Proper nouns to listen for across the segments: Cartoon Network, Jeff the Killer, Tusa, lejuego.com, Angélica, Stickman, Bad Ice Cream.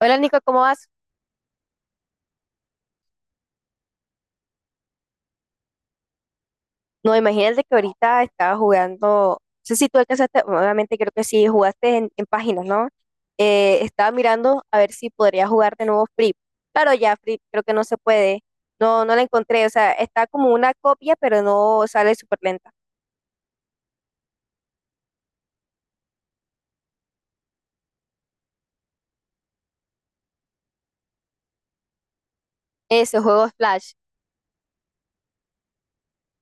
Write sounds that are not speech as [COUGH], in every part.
Hola Nico, ¿cómo vas? No, imagínate que ahorita estaba jugando, no sé si tú alcanzaste, obviamente creo que sí, jugaste en páginas, ¿no? Estaba mirando a ver si podría jugar de nuevo Free. Claro, ya Free creo que no se puede, no la encontré, o sea, está como una copia, pero no sale súper lenta. Ese juego es Flash,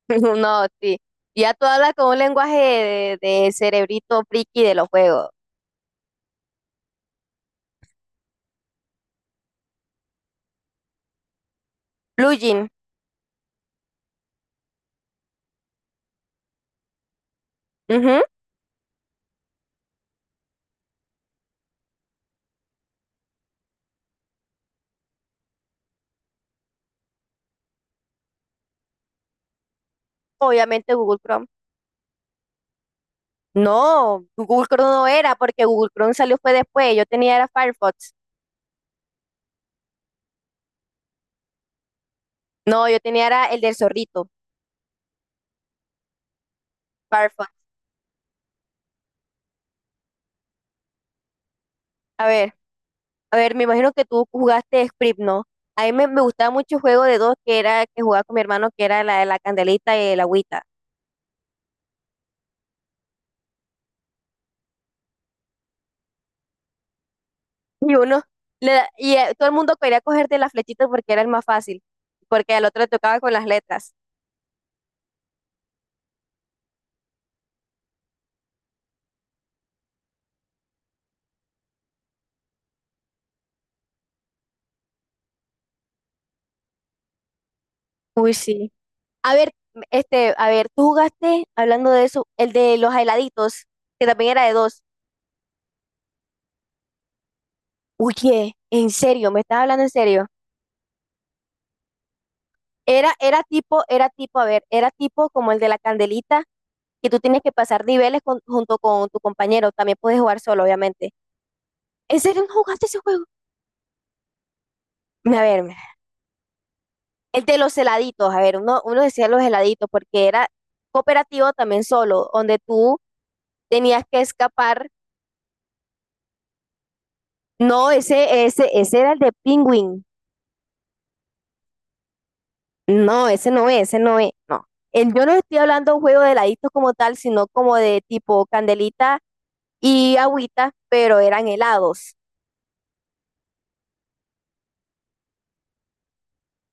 [LAUGHS] no, sí, ya tú hablas con un lenguaje de cerebrito friki de los juegos. Plugin, ujú. Obviamente Google Chrome. No, Google Chrome no era, porque Google Chrome salió fue después. Yo tenía era Firefox. No, yo tenía era el del zorrito, Firefox. A ver, a ver, me imagino que tú jugaste Script, ¿no? A mí me gustaba mucho el juego de dos que era que jugaba con mi hermano, que era la de la candelita y el agüita. Y uno, le da- y todo el mundo quería cogerte la flechita porque era el más fácil, porque al otro le tocaba con las letras. Uy, sí. A ver, este, a ver, tú jugaste, hablando de eso, el de los heladitos, que también era de dos. Oye, en serio, me estás hablando en serio. Era tipo como el de la candelita, que tú tienes que pasar niveles junto con tu compañero. También puedes jugar solo, obviamente. ¿En serio no jugaste ese juego? A ver, el de los heladitos, a ver, uno decía los heladitos, porque era cooperativo también solo, donde tú tenías que escapar. No, ese era el de Penguin. No, ese no es, no. Yo no estoy hablando de un juego de heladitos como tal, sino como de tipo candelita y agüita, pero eran helados.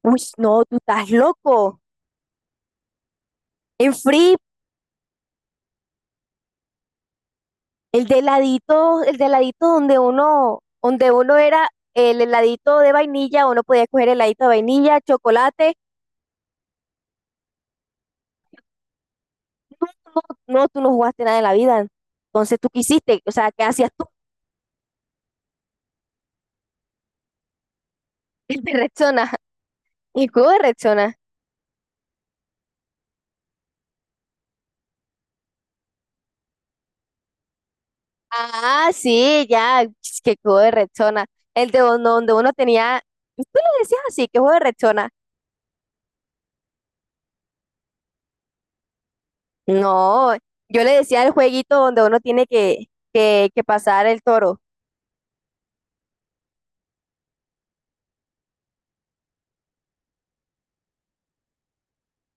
Uy, no, tú estás loco. En Free, el de heladito donde uno era el heladito de vainilla, uno podía escoger heladito de vainilla, chocolate. No, no, tú no jugaste nada en la vida. Entonces, ¿tú qué hiciste? O sea, ¿qué hacías tú? [LAUGHS] El de Rexona. El cubo de Rexona. Ah, sí, ya, [TSK] qué juego de rechona. Donde uno tenía, tú le decías así, qué juego de rechona. No, yo le decía el jueguito donde uno tiene que pasar el toro.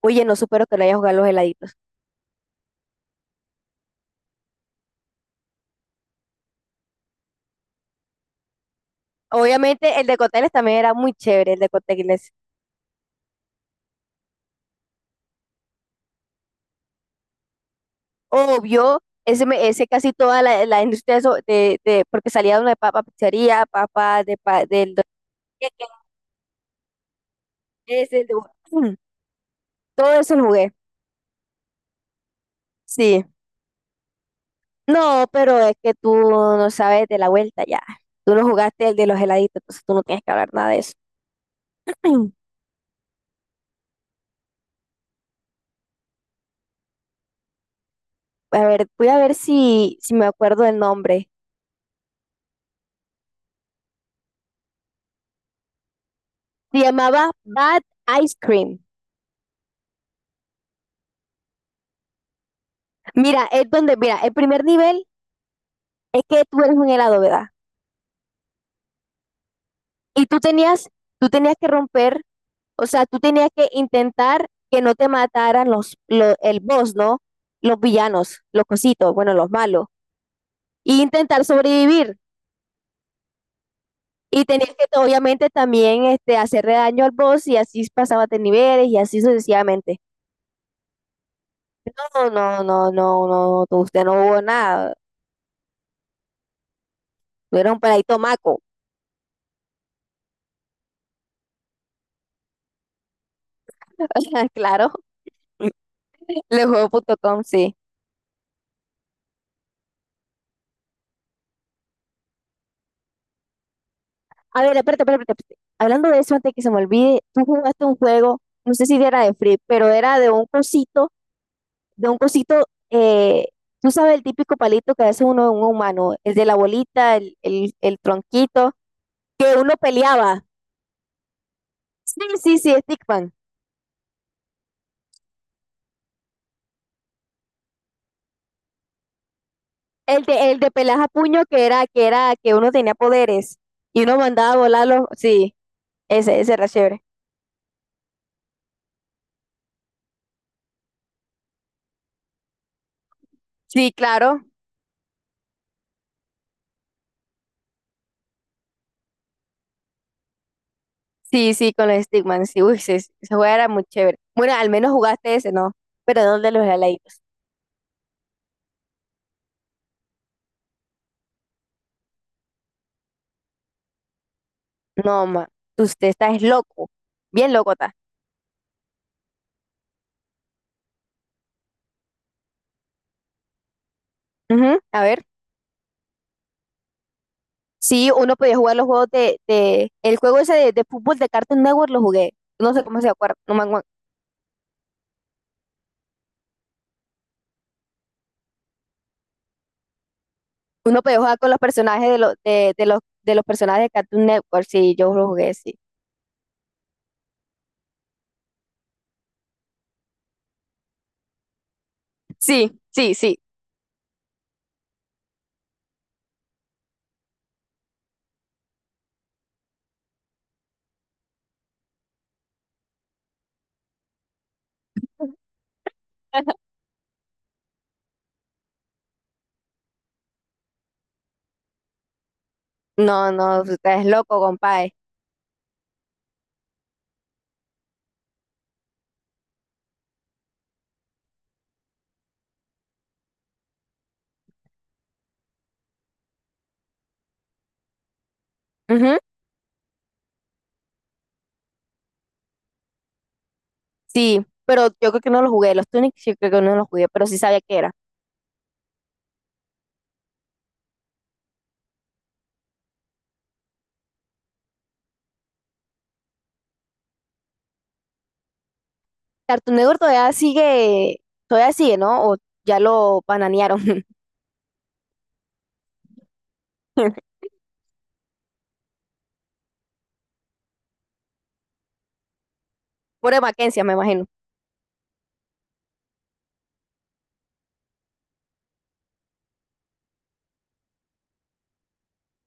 Oye, no supero que lo haya jugado los heladitos. Obviamente el de cócteles también era muy chévere, el de cócteles. Obvio, ese, ese casi toda la industria de porque salía de una papa pizzería, del Don Quijote, ese, el de- mm, todo eso lo jugué. Sí. No, pero es que tú no sabes de la vuelta ya. Tú no jugaste el de los heladitos, entonces tú no tienes que hablar nada de eso. [CLEARS THROAT] A ver, voy a ver si me acuerdo el nombre. Se llamaba Bad Ice Cream. Mira, es donde, mira, el primer nivel es que tú eres un helado, ¿verdad? Y tú tenías que romper, o sea, tú tenías que intentar que no te mataran el boss, ¿no? Los villanos, los cositos, bueno, los malos. Y intentar sobrevivir. Y tenías que, obviamente, también este, hacerle daño al boss y así pasabas de niveles y así sucesivamente. No, usted no hubo nada. No era un paradito maco. [LAUGHS] Claro, lejuego.com, sí. A ver, espérate. Hablando de eso, antes que se me olvide, tú jugaste un juego, no sé si era de Free, pero era de un cosito, de un cosito, eh, tú sabes el típico palito que hace uno un humano, el de la bolita, el tronquito, que uno peleaba. Sí, sí, sí, Stickman. El de pelaja a puño que era, que uno tenía poderes y uno mandaba a volarlo. Sí, ese era chévere. Sí, claro. Sí, sí, con los Stickman, sí, uy, sí, sí, ese juego era muy chévere. Bueno, al menos jugaste ese, ¿no? Pero no el de los heladitos. No, ma, usted está es loco, bien loco está. Ujú. A ver, sí, uno podía jugar los juegos de el juego ese de fútbol de Cartoon Network lo jugué, no sé cómo se acuerda, no me acuerdo. Uno podía jugar con los personajes de los personajes de Cartoon Network, sí, yo lo jugué, sí. Sí, sí, sí. [LAUGHS] No, no, usted es loco, compadre. Ujú. Sí, pero yo creo que no lo jugué. Los Tunics yo creo que no lo jugué, pero sí sabía que era. Cartoon Network todavía sigue, ¿no? O ya lo bananearon. [LAUGHS] Por Mackenzie, me imagino,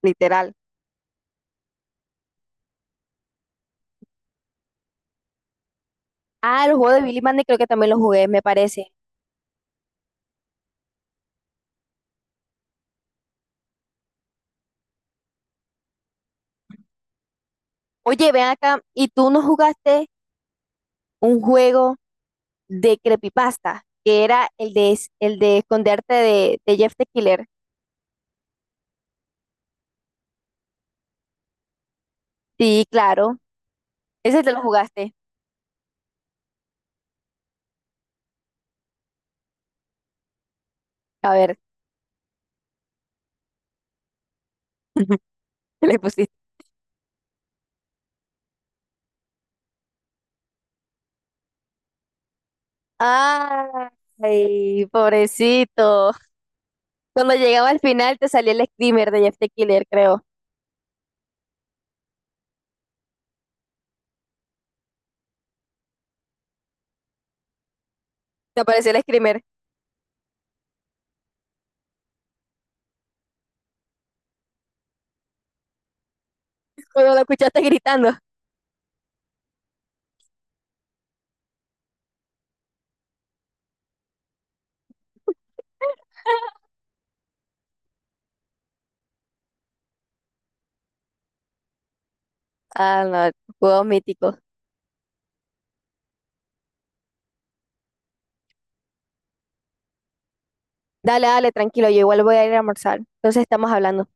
literal. Ah, el juego de Billy Mandy creo que también lo jugué, me parece. Oye, ven acá, ¿y tú no jugaste un juego de creepypasta? Que era el de, el de esconderte de Jeff the Killer. Sí, claro. Ese te lo jugaste. A ver, [LAUGHS] ¿qué le pusiste? Ay, pobrecito. Cuando llegaba al final te salía el screamer de Jeff the Killer, creo. Te apareció el screamer [LAUGHS] cuando lo escuchaste gritando. [LAUGHS] Ah, no, juegos míticos. Dale, dale, tranquilo, yo igual voy a ir a almorzar. Entonces estamos hablando.